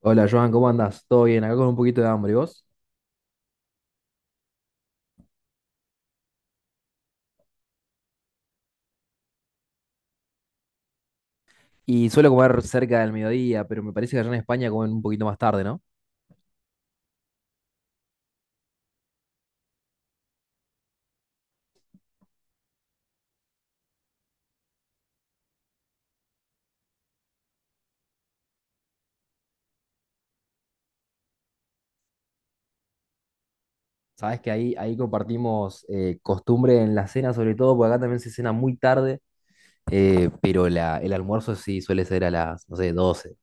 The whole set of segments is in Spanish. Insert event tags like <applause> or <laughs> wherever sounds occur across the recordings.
Hola Joan, ¿cómo andas? ¿Todo bien? Acá con un poquito de hambre, ¿y vos? Y suelo comer cerca del mediodía, pero me parece que allá en España comen un poquito más tarde, ¿no? Sabes que ahí, ahí compartimos costumbre en la cena, sobre todo, porque acá también se cena muy tarde, pero el almuerzo sí suele ser a las, no sé, 12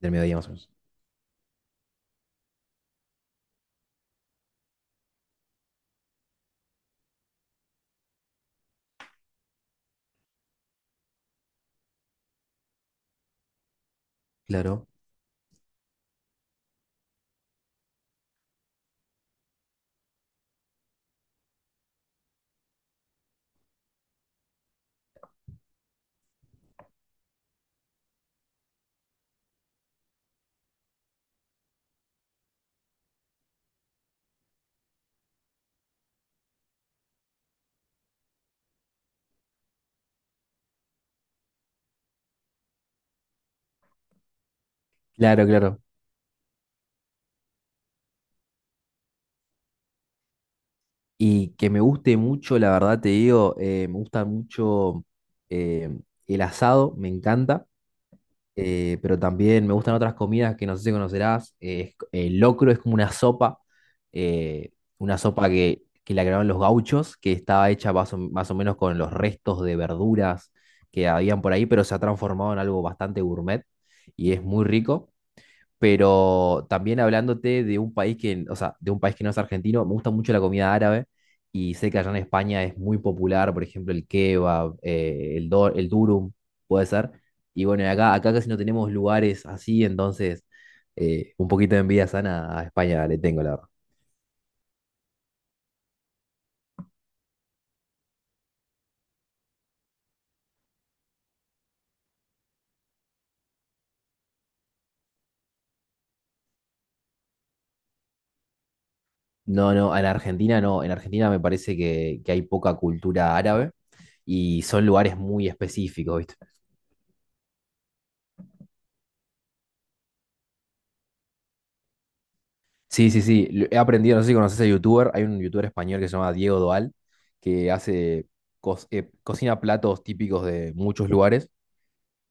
del mediodía más o menos. Claro, claro. Y que me guste mucho, la verdad te digo, me gusta mucho eh, el asado, me encanta. Pero también me gustan otras comidas que no sé si conocerás. Es el locro es como eh, una sopa que la crearon los gauchos, que estaba hecha más o, más o menos con los restos de verduras que habían por ahí, pero se ha transformado en algo bastante gourmet y es muy rico, pero también hablándote de un país que, o sea, de un país que no es argentino, me gusta mucho la comida árabe y sé que allá en España es muy popular, por ejemplo, el kebab, el, el durum, puede ser. Y bueno, y acá, acá casi no tenemos lugares así, entonces un poquito de envidia sana a España le tengo, la verdad. No, no, en Argentina no, en Argentina me parece que hay poca cultura árabe y son lugares muy específicos, ¿viste? Sí, sí, sí. He aprendido, no sé si conoces a youtuber, hay un youtuber español que se llama Diego Doal, que hace cocina platos típicos de muchos lugares.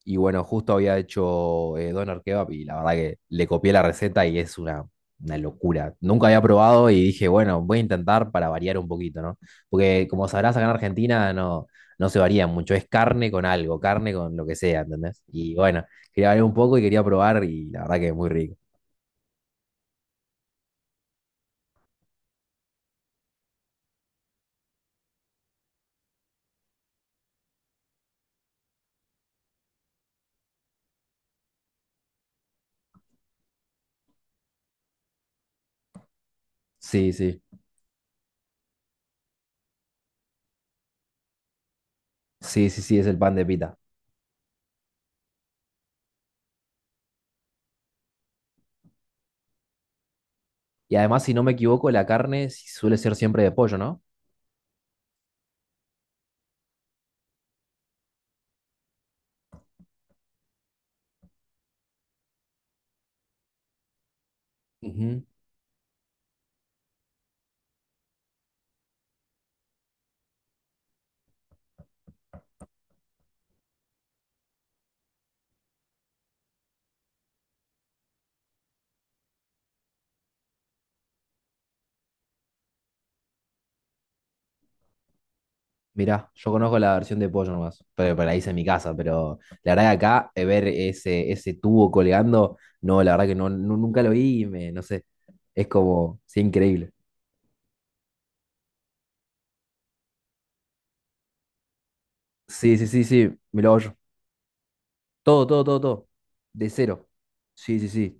Y bueno, justo había hecho doner kebab y la verdad que le copié la receta y es una locura. Nunca había probado y dije, bueno, voy a intentar para variar un poquito, ¿no? Porque como sabrás, acá en Argentina no, no se varía mucho, es carne con algo, carne con lo que sea, ¿entendés? Y bueno, quería variar un poco y quería probar y la verdad que es muy rico. Sí, sí. Sí, sí, sí, es el pan de pita. Y además, si no me equivoco, la carne suele ser siempre de pollo, ¿no? Ujú. Mirá, yo conozco la versión de pollo nomás, pero para ahí hice en mi casa, pero la verdad que acá ver ese, ese tubo colgando, no, la verdad que no, nunca lo vi y me, no sé, es como, sí, increíble. Sí, sí, sí, sí, me lo hago yo. Todo, todo, todo, todo. De cero. Sí, sí, sí.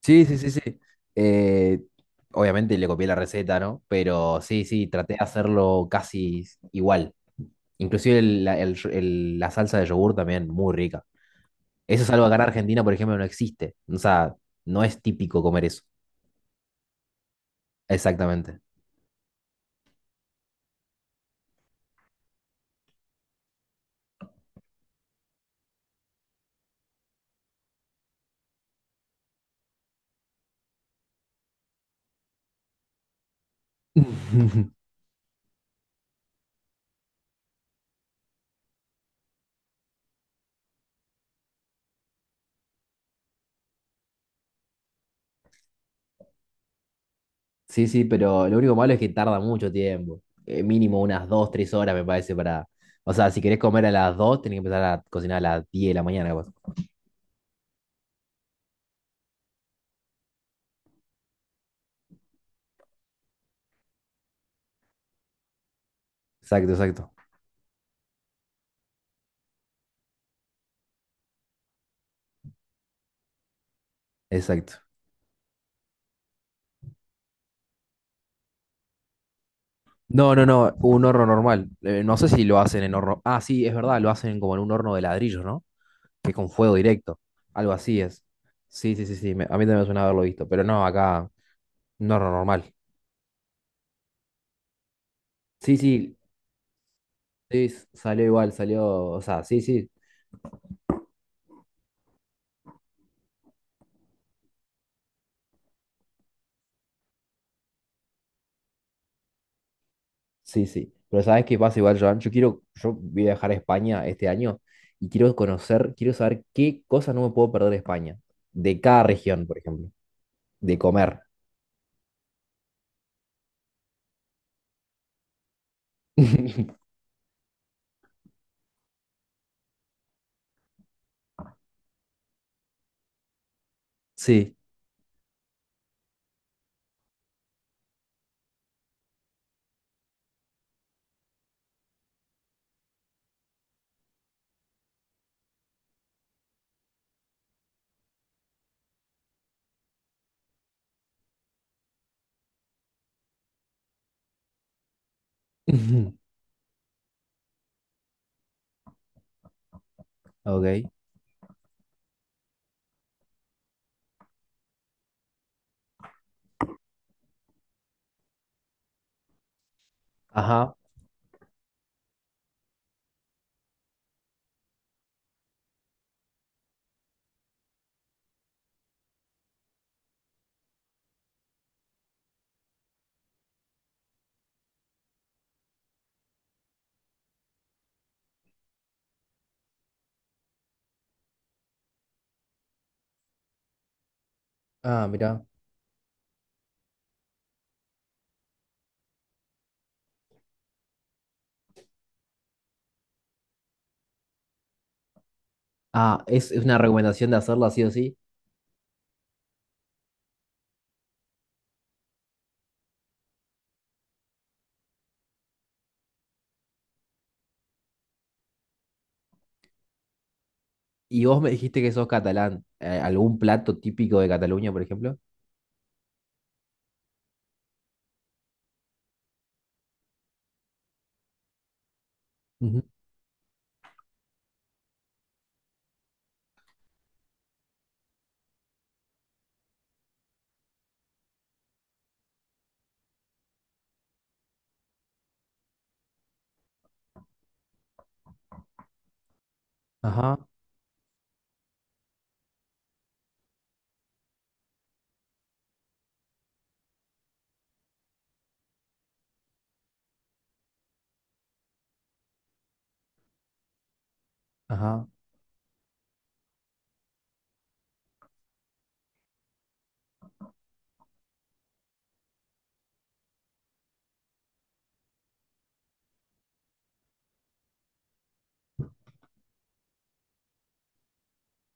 Sí, sí, sí, sí. Eh, Obviamente le copié la receta, ¿no? Pero sí, sí, traté de hacerlo casi igual. Inclusive la salsa de yogur también, muy rica. Eso es algo que acá en Argentina, por ejemplo, no existe. O sea, no es típico comer eso. Exactamente. <laughs> Sí, sí, pero lo único malo es que tarda mucho tiempo. Mínimo unas 2 3 horas me parece para... O sea, si querés comer a las 2 tenés que empezar a cocinar a las 10 de la mañana, capaz. Exacto, exacto, exacto. No, no, no, un horno normal. No sé si lo hacen en horno. Ah, sí, es verdad, lo hacen como en un horno de ladrillos, ¿no? Que con fuego directo. Algo así es. Sí, sí, sí, sí. A mí también me suena haberlo visto, pero no, acá no era normal. Sí, sí, sí, salió igual, salió, o sea, sí, sí, sí, sí. Pero ¿sabes qué pasa igual, Joan? Yo quiero, yo voy a viajar a España este año y quiero conocer, quiero saber qué cosas no me puedo perder de España. De cada región, por ejemplo. De comer. <laughs> Sí. <laughs> Ok. Ajá. Ah, mira. Ah, es una recomendación de hacerlo así o sí. Y vos me dijiste que sos catalán. ¿Algún plato típico de Cataluña, por ejemplo? Ujú. Ajá, ajá,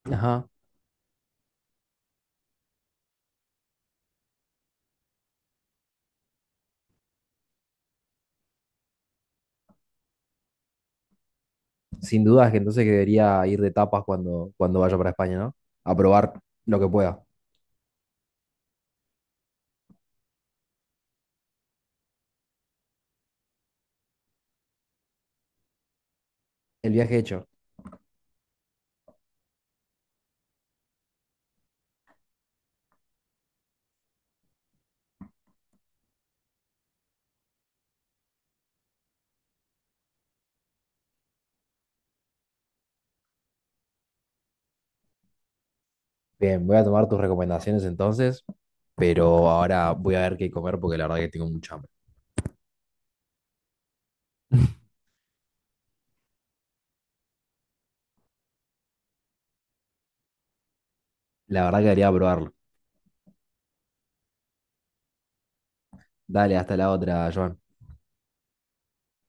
ajá. Sin dudas que entonces que debería ir de tapas cuando, cuando vaya para España, ¿no? A probar lo que pueda. El viaje hecho. Bien, voy a tomar tus recomendaciones entonces, pero ahora voy a ver qué comer porque la verdad que tengo mucha hambre. <laughs> La verdad que debería probarlo. Dale, hasta la otra, Joan.